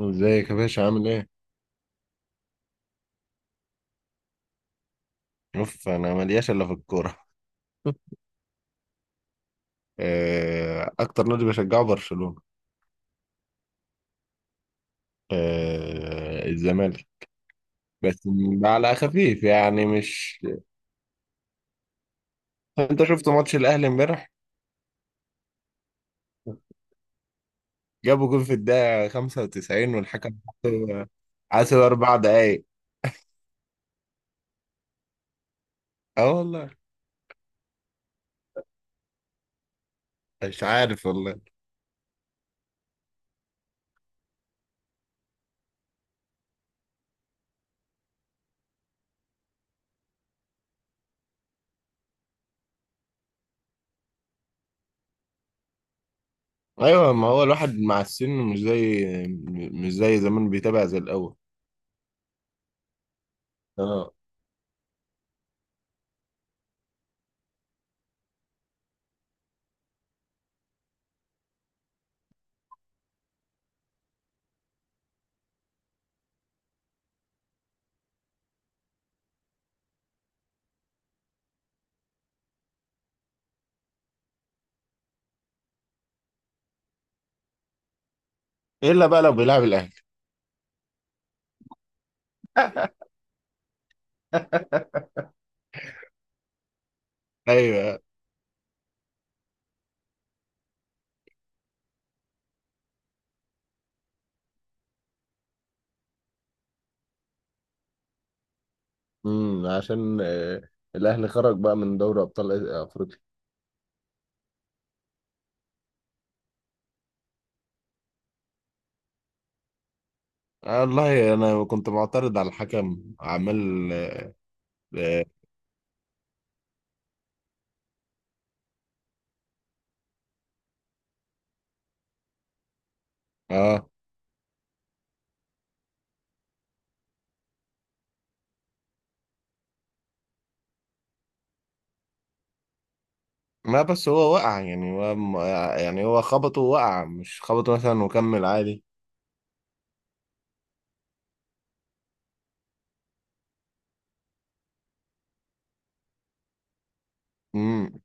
ازيك يا باشا، عامل ايه؟ شوف، انا ملياش الا في الكوره. آه، اكتر نادي بشجعه برشلونه. آه، الزمالك. بس على خفيف يعني، مش. انت شفت ماتش الاهلي امبارح؟ جابوا جول في الدقيقه 95 والحكم حاسب 4 دقايق. اه والله. مش عارف والله. ايوه، ما هو الواحد مع السن مش زي، مش زي زمان، بيتابع زي الاول. اه. الا بقى لو بيلعب الاهلي. ايوه. عشان آه، الاهلي خرج بقى من دوري ابطال افريقيا. والله انا كنت معترض على الحكم عمال. اه. آه. ما بس هو وقع، يعني هو يعني هو خبطه وقع، مش خبطه مثلا وكمل عادي. امم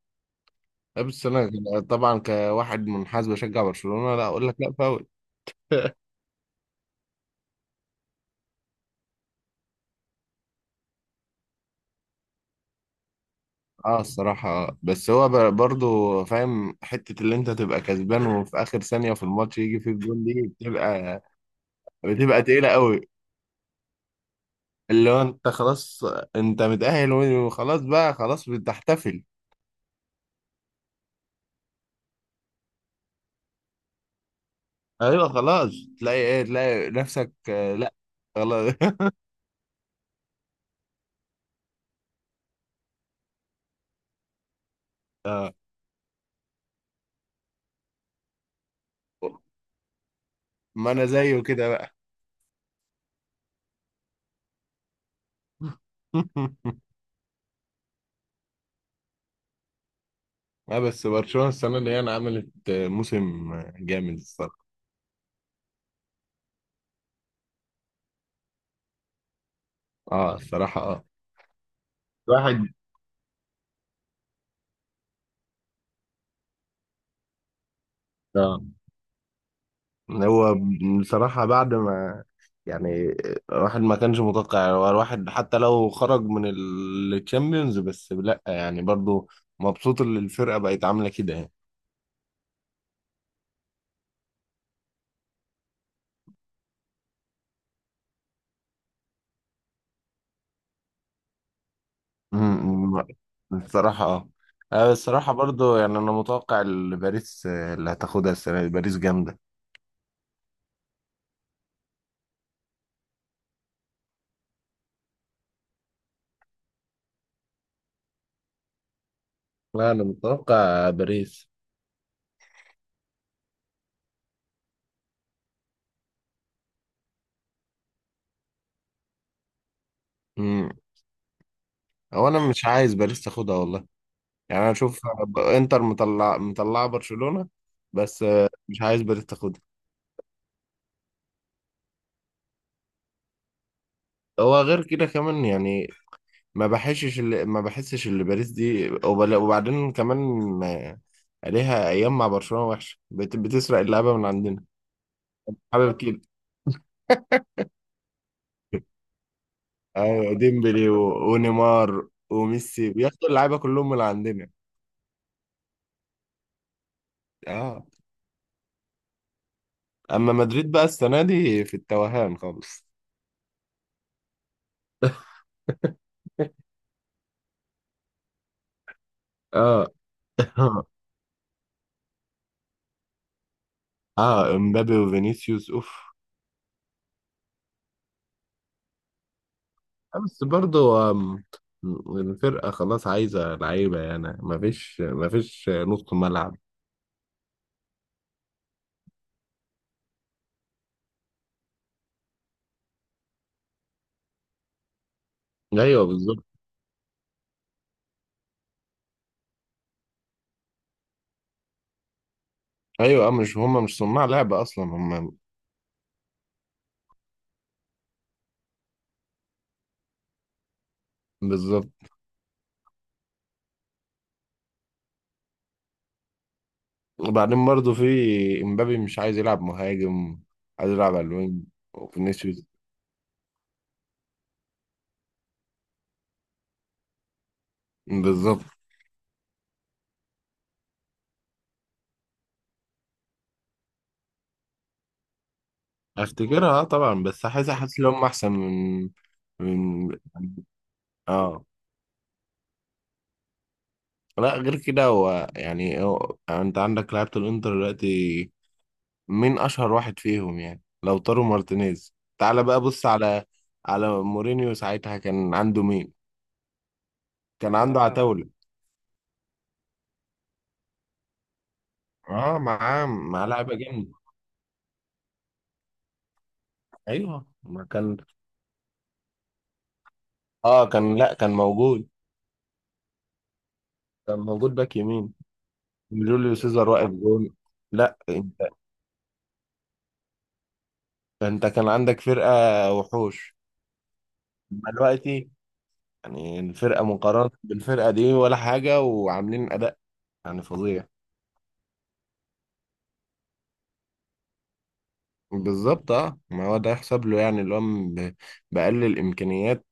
بس انا طبعا كواحد منحاز بشجع برشلونة، لا اقول لك لا، فاول. اه الصراحة. آه. بس هو برضو فاهم، حتة اللي انت تبقى كسبان وفي اخر ثانية في الماتش يجي فيك الجون دي، بتبقى تقيلة قوي. اللي هو انت خلاص، انت متأهل وخلاص بقى، خلاص بتحتفل. ايوه، خلاص. تلاقي ايه، تلاقي نفسك، لا، خلاص. آه، ما انا زيه كده بقى. اه، بس برشلونة السنة دي يعني عملت موسم جامد الصراحة. اه، الصراحة اه. واحد، هو بصراحة بعد ما يعني الواحد ما كانش متوقع، هو الواحد حتى لو خرج من التشامبيونز، بس لا يعني برضو مبسوط ان الفرقة بقت عاملة كده يعني. أمم، بصراحة اه. الصراحة برضو يعني انا متوقع باريس، اللي هتاخدها السنة دي. باريس جامدة. لا، انا متوقع باريس. أمم، هو انا مش عايز باريس تاخدها والله. يعني انا اشوف، انتر مطلعة برشلونة. بس مش عايز باريس تاخدها. هو غير كده كمان يعني، ما بحسش اللي باريس دي، وبل- وبعدين كمان، آه، عليها ايام مع برشلونة وحشة، بتسرق اللعبة من عندنا. حابب كده. ايوه، ديمبلي ونيمار وميسي بياخدوا اللعيبة كلهم من عندنا. اه. اما مدريد بقى السنة دي في التوهان خالص. اه. اه، امبابي وفينيسيوس اوف. بس برضه، الفرقة خلاص عايزة لعيبة، يعني مفيش نص ملعب. أيوه، بالظبط. أيوه، مش صناع لعبة أصلا هما. بالظبط. وبعدين برضه في، إمبابي مش عايز يلعب مهاجم، عايز يلعب على الوينج. وفينيسيوس. بالظبط. أفتكرها، أه طبعا، بس حاسس إن هما أحسن من، من. اه. لا، غير كده، يعني انت عندك لعيبة الانتر دلوقتي، مين اشهر واحد فيهم يعني؟ لوتارو مارتينيز. تعال بقى بص على، على مورينيو ساعتها كان عنده مين؟ كان عنده اه عتاولة. اه معاه لعيبة جامدة. ايوه ما كان. اه كان، لا كان موجود. كان موجود باك يمين. جوليو سيزار واقف جون. لا، انت كان عندك فرقة وحوش. أما دلوقتي، يعني الفرقة مقارنة بالفرقة دي ولا حاجة، وعاملين أداء يعني فظيع. بالظبط، اه، ما هو ده يحسب له، يعني اللي هو بأقل الامكانيات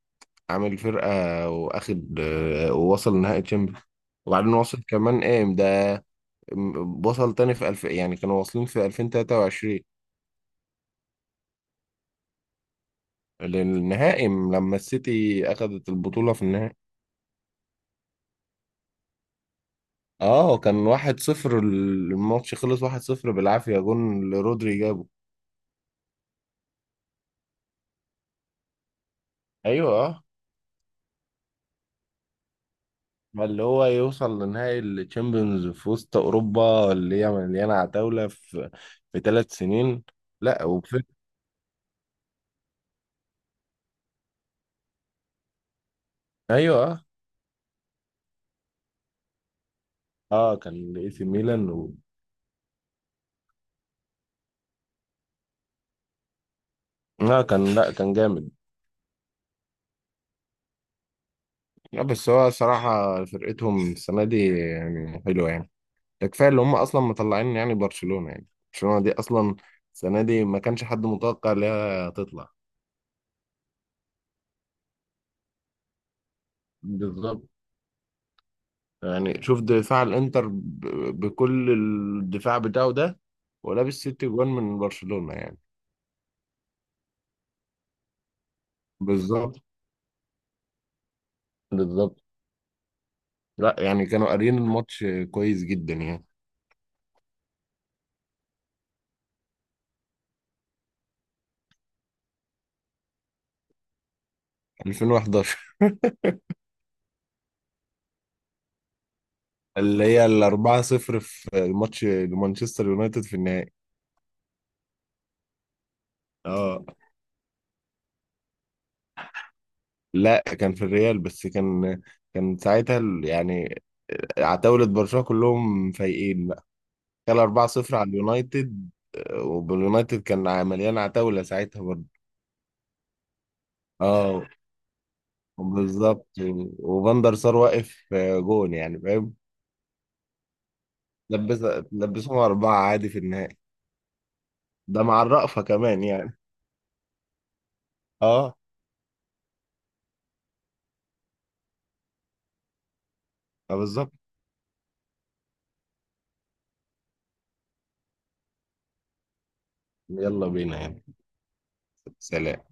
عامل فرقه، واخد ووصل نهائي تشامبيونز، وبعدين وصل كمان ايه ده، وصل تاني في الف، يعني كانوا واصلين في 2023 للنهائي، لما السيتي اخدت البطوله في النهائي. اه، كان واحد صفر. الماتش خلص واحد صفر بالعافيه، جون لرودري جابه. ايوه اه، اللي هو يوصل لنهائي الشامبيونز في وسط اوروبا اللي هي مليانه عتاوله، في 3 سنين. لا، وفي. ايوه اه. آه، كان اي سي ميلان و... لا كان، جامد. لا، بس هو صراحه فرقتهم السنه دي يعني حلوه يعني، ده كفايه اللي هم اصلا مطلعين يعني برشلونه يعني. برشلونه دي اصلا السنه دي ما كانش حد متوقع ان هي تطلع. بالظبط. يعني شوف دفاع الانتر بكل الدفاع بتاعه ده، ولابس ست جوان من برشلونة يعني. بالظبط. بالظبط. لا، يعني كانوا قاريين الماتش كويس جدا يعني. 2011. اللي هي الأربعة صفر في الماتش لمانشستر يونايتد في النهائي. اه. لا، كان في الريال، بس كان، كان ساعتها يعني عتاولة برشلونة كلهم فايقين بقى. كان 4-0 على اليونايتد. آه، واليونايتد كان مليان عتاولة ساعتها برضه. اه. بالظبط. وفان دار سار واقف جون، يعني فاهم. لبس لبسهم أربعة عادي في النهائي، ده مع الرأفة كمان يعني. اه. آه، بالظبط. يلا بينا يعني. سلام.